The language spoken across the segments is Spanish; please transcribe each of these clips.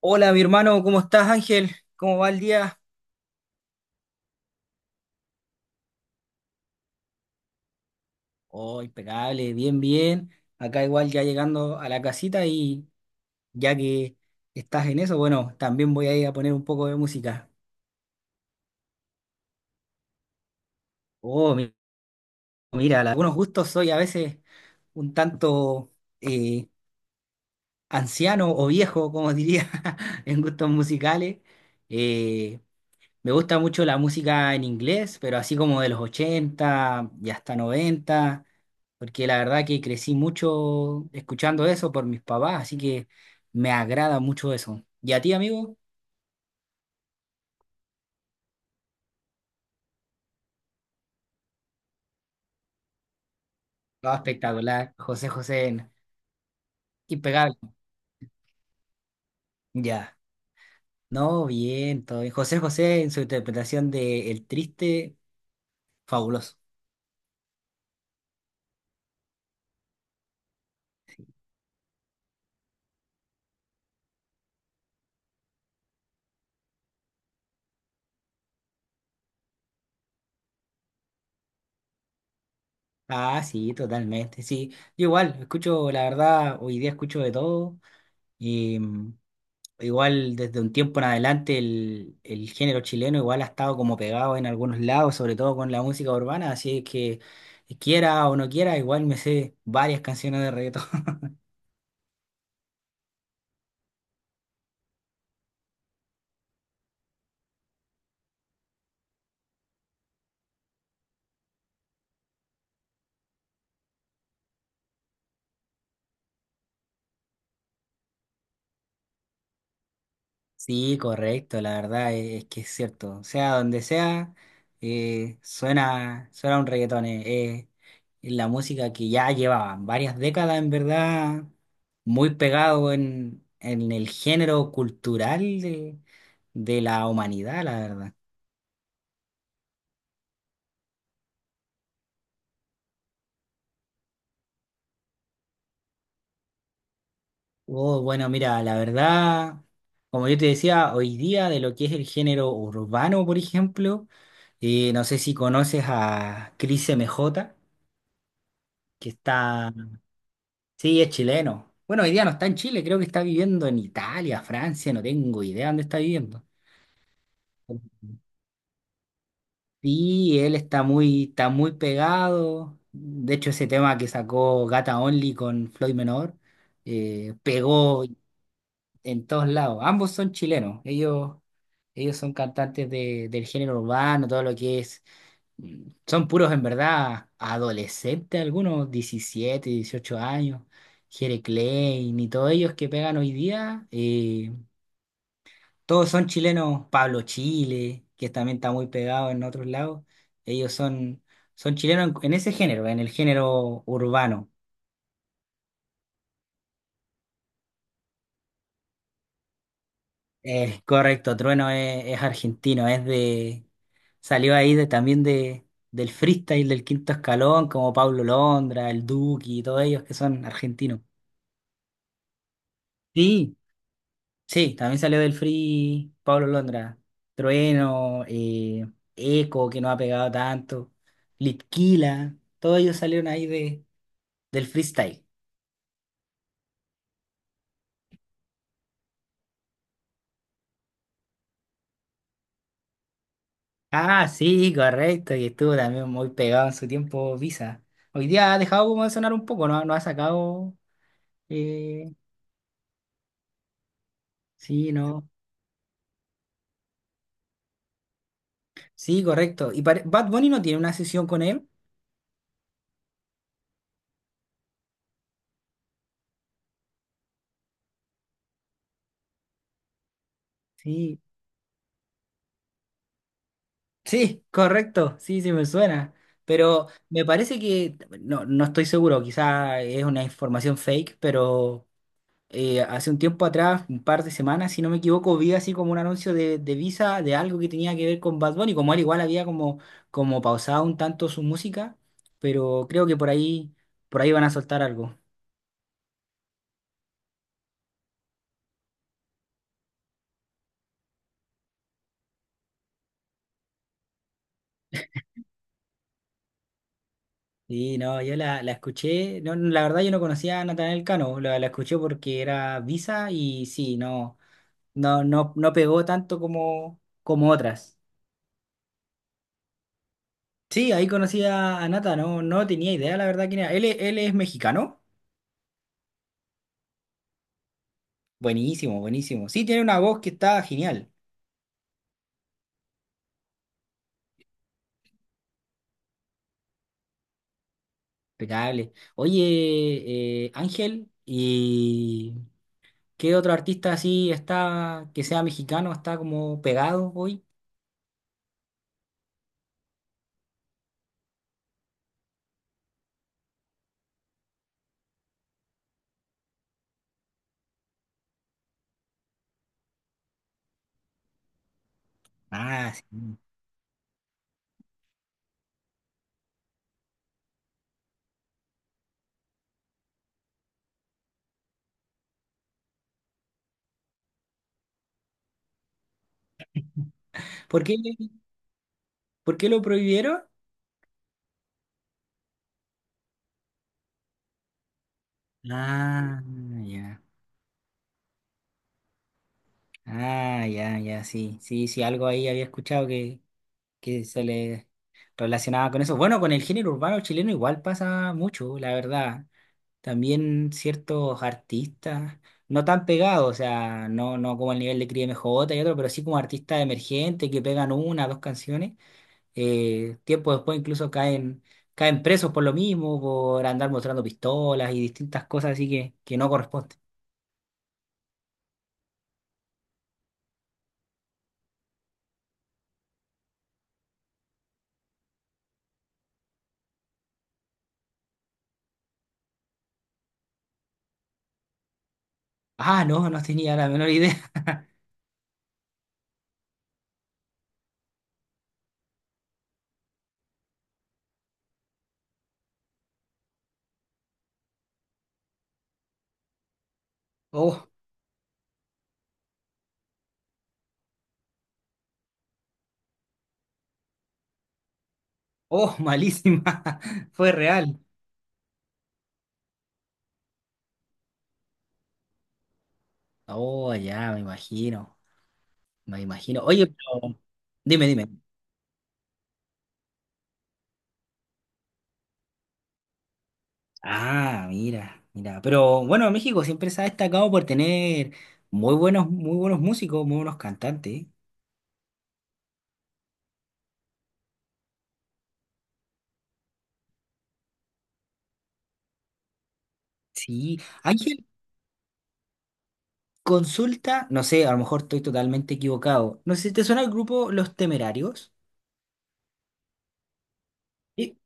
Hola, mi hermano, ¿cómo estás, Ángel? ¿Cómo va el día? Oh, impecable, bien, bien. Acá igual ya llegando a la casita y ya que estás en eso, bueno, también voy a ir a poner un poco de música. Oh, mi- mira, algunos gustos soy a veces un tanto eh, anciano o viejo, como diría, en gustos musicales. Eh, Me gusta mucho la música en inglés, pero así como de los 80 y hasta 90 porque la verdad que crecí mucho escuchando eso por mis papás, así que me agrada mucho eso. ¿Y a ti, amigo? No, espectacular. José José, impecable. Ya. No, bien, todo bien. José José en su interpretación de El Triste, fabuloso. Ah, sí, totalmente, sí. Yo igual, escucho, la verdad, hoy día escucho de todo. Igual desde un tiempo en adelante el género chileno igual ha estado como pegado en algunos lados, sobre todo con la música urbana, así que quiera o no quiera, igual me sé varias canciones de reggaetón. Sí, correcto, la verdad es que es cierto. Sea donde sea, suena, suena un reggaetón. Es la música que ya llevaba varias décadas, en verdad, muy pegado en el género cultural de la humanidad, la verdad. Oh, bueno, mira, la verdad, como yo te decía, hoy día de lo que es el género urbano, por ejemplo, no sé si conoces a Cris M J, que está, sí, es chileno. Bueno, hoy día no está en Chile, creo que está viviendo en Italia, Francia, no tengo idea dónde está viviendo. Sí, él está muy pegado. De hecho, ese tema que sacó Gata Only con Floyd Menor pegó en todos lados. Ambos son chilenos. Ellos son cantantes de, del género urbano, todo lo que es. Son puros en verdad adolescentes, algunos 17, 18 años. Jere Klein y todos ellos que pegan hoy día. Todos son chilenos. Pablo Chile, que también está muy pegado en otros lados. Ellos son, son chilenos en ese género, en el género urbano. Es correcto, Trueno es argentino, es de, salió ahí de, también de, del freestyle del quinto escalón, como Pablo Londra, el Duki y todos ellos que son argentinos. Sí, sí, también salió del free Pablo Londra, Trueno, Eco, que no ha pegado tanto, Litquila, todos ellos salieron ahí de, del freestyle. Ah, sí, correcto, y estuvo también muy pegado en su tiempo Visa. Hoy día ha dejado como de sonar un poco, no, no ha sacado... eh, Sí, no. Sí, correcto. ¿Y pare- Bad Bunny no tiene una sesión con él? Sí. Sí, correcto. Sí, sí, me suena. Pero me parece que, no, no estoy seguro, quizá es una información fake, pero hace un tiempo atrás, un par de semanas, si no me equivoco, vi así como un anuncio de Visa de algo que tenía que ver con Bad Bunny, como él igual había como, como pausado un tanto su música, pero creo que por ahí van a soltar algo. Sí, no, yo la, la escuché, no, no, la verdad yo no conocía a Natanael Cano, la escuché porque era Visa y sí, no, no pegó tanto como, como otras. Sí, ahí conocí a Nata, no, no tenía idea la verdad quién era. Él, él es mexicano, buenísimo, buenísimo. Sí, tiene una voz que está genial, impecable. Oye, Ángel, ¿y qué otro artista así está, que sea mexicano, está como pegado hoy? Ah, sí. ¿Por qué, por qué lo prohibieron? Ah, ya. Ah, ya, ya, sí. Sí, sí, algo ahí había escuchado que se le relacionaba con eso. Bueno, con el género urbano chileno igual pasa mucho, la verdad. También ciertos artistas, no tan pegados, o sea, no, no como el nivel de Cris M J y otro, pero sí como artistas emergentes que pegan una, dos canciones. Tiempo después incluso caen, caen presos por lo mismo, por andar mostrando pistolas y distintas cosas así que no corresponden. Ah, no, no tenía la menor idea. Oh, oh, malísima. Fue real. Oh, ya, me imagino. Me imagino. Oye, pero... Dime, dime. Ah, mira, mira. Pero bueno, México siempre se ha destacado por tener muy buenos músicos, muy buenos cantantes. Sí. Ángel, consulta, no sé, a lo mejor estoy totalmente equivocado. No sé si te suena el grupo Los Temerarios. Sí.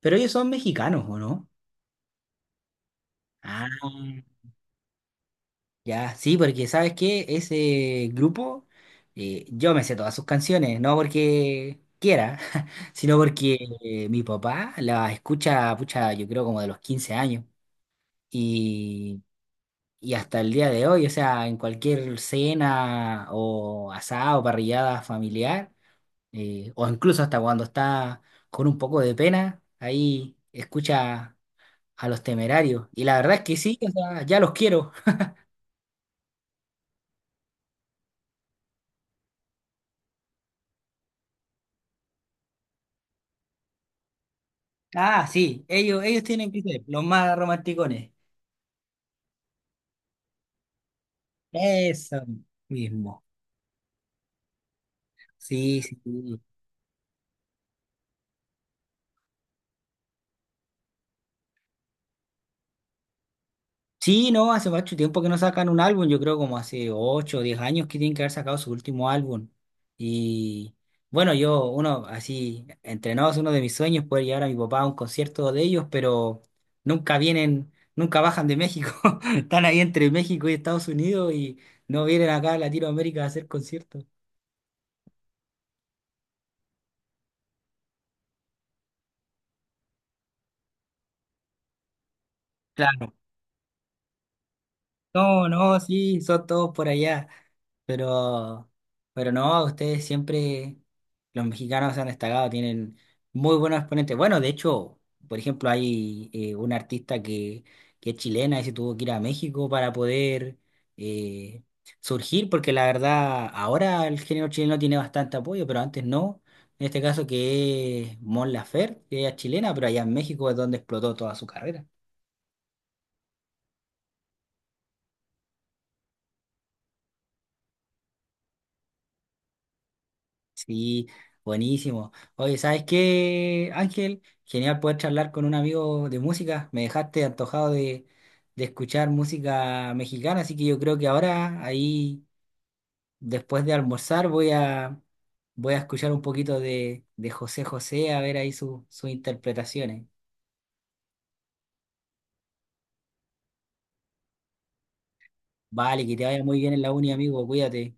Pero ellos son mexicanos, ¿o no? Ah. Ya, sí, porque ¿sabes qué? Ese grupo, yo me sé todas sus canciones, no porque quiera, sino porque mi papá las escucha, pucha, yo creo como de los 15 años. Y, y hasta el día de hoy, o sea, en cualquier cena o asado, parrillada familiar, o incluso hasta cuando está con un poco de pena, ahí escucha a los temerarios. Y la verdad es que sí, o sea, ya los quiero. Ah, sí, ellos tienen que ser los más romanticones. Eso mismo. Sí, sí. Sí, no, hace mucho tiempo que no sacan un álbum, yo creo como hace 8 o 10 años que tienen que haber sacado su último álbum. Y bueno, yo, uno así, entrenados, uno de mis sueños es poder llevar a mi papá a un concierto de ellos, pero nunca vienen, nunca bajan de México. Están ahí entre México y Estados Unidos y no vienen acá a Latinoamérica a hacer conciertos. Claro. No, no, sí, son todos por allá. Pero, pero no, ustedes siempre, los mexicanos se han destacado, tienen muy buenos exponentes. Bueno, de hecho, por ejemplo, hay una artista que es chilena y se tuvo que ir a México para poder eh, surgir, porque la verdad, ahora el género chileno tiene bastante apoyo, pero antes no. En este caso que es Mon Laferte, que ella es chilena, pero allá en México es donde explotó toda su carrera. Sí, buenísimo. Oye, ¿sabes qué, Ángel? Genial poder charlar con un amigo de música. Me dejaste antojado de escuchar música mexicana, así que yo creo que ahora, ahí, después de almorzar, voy a, voy a escuchar un poquito de José José, a ver ahí sus interpretaciones. Vale, que te vaya muy bien en la uni, amigo, cuídate.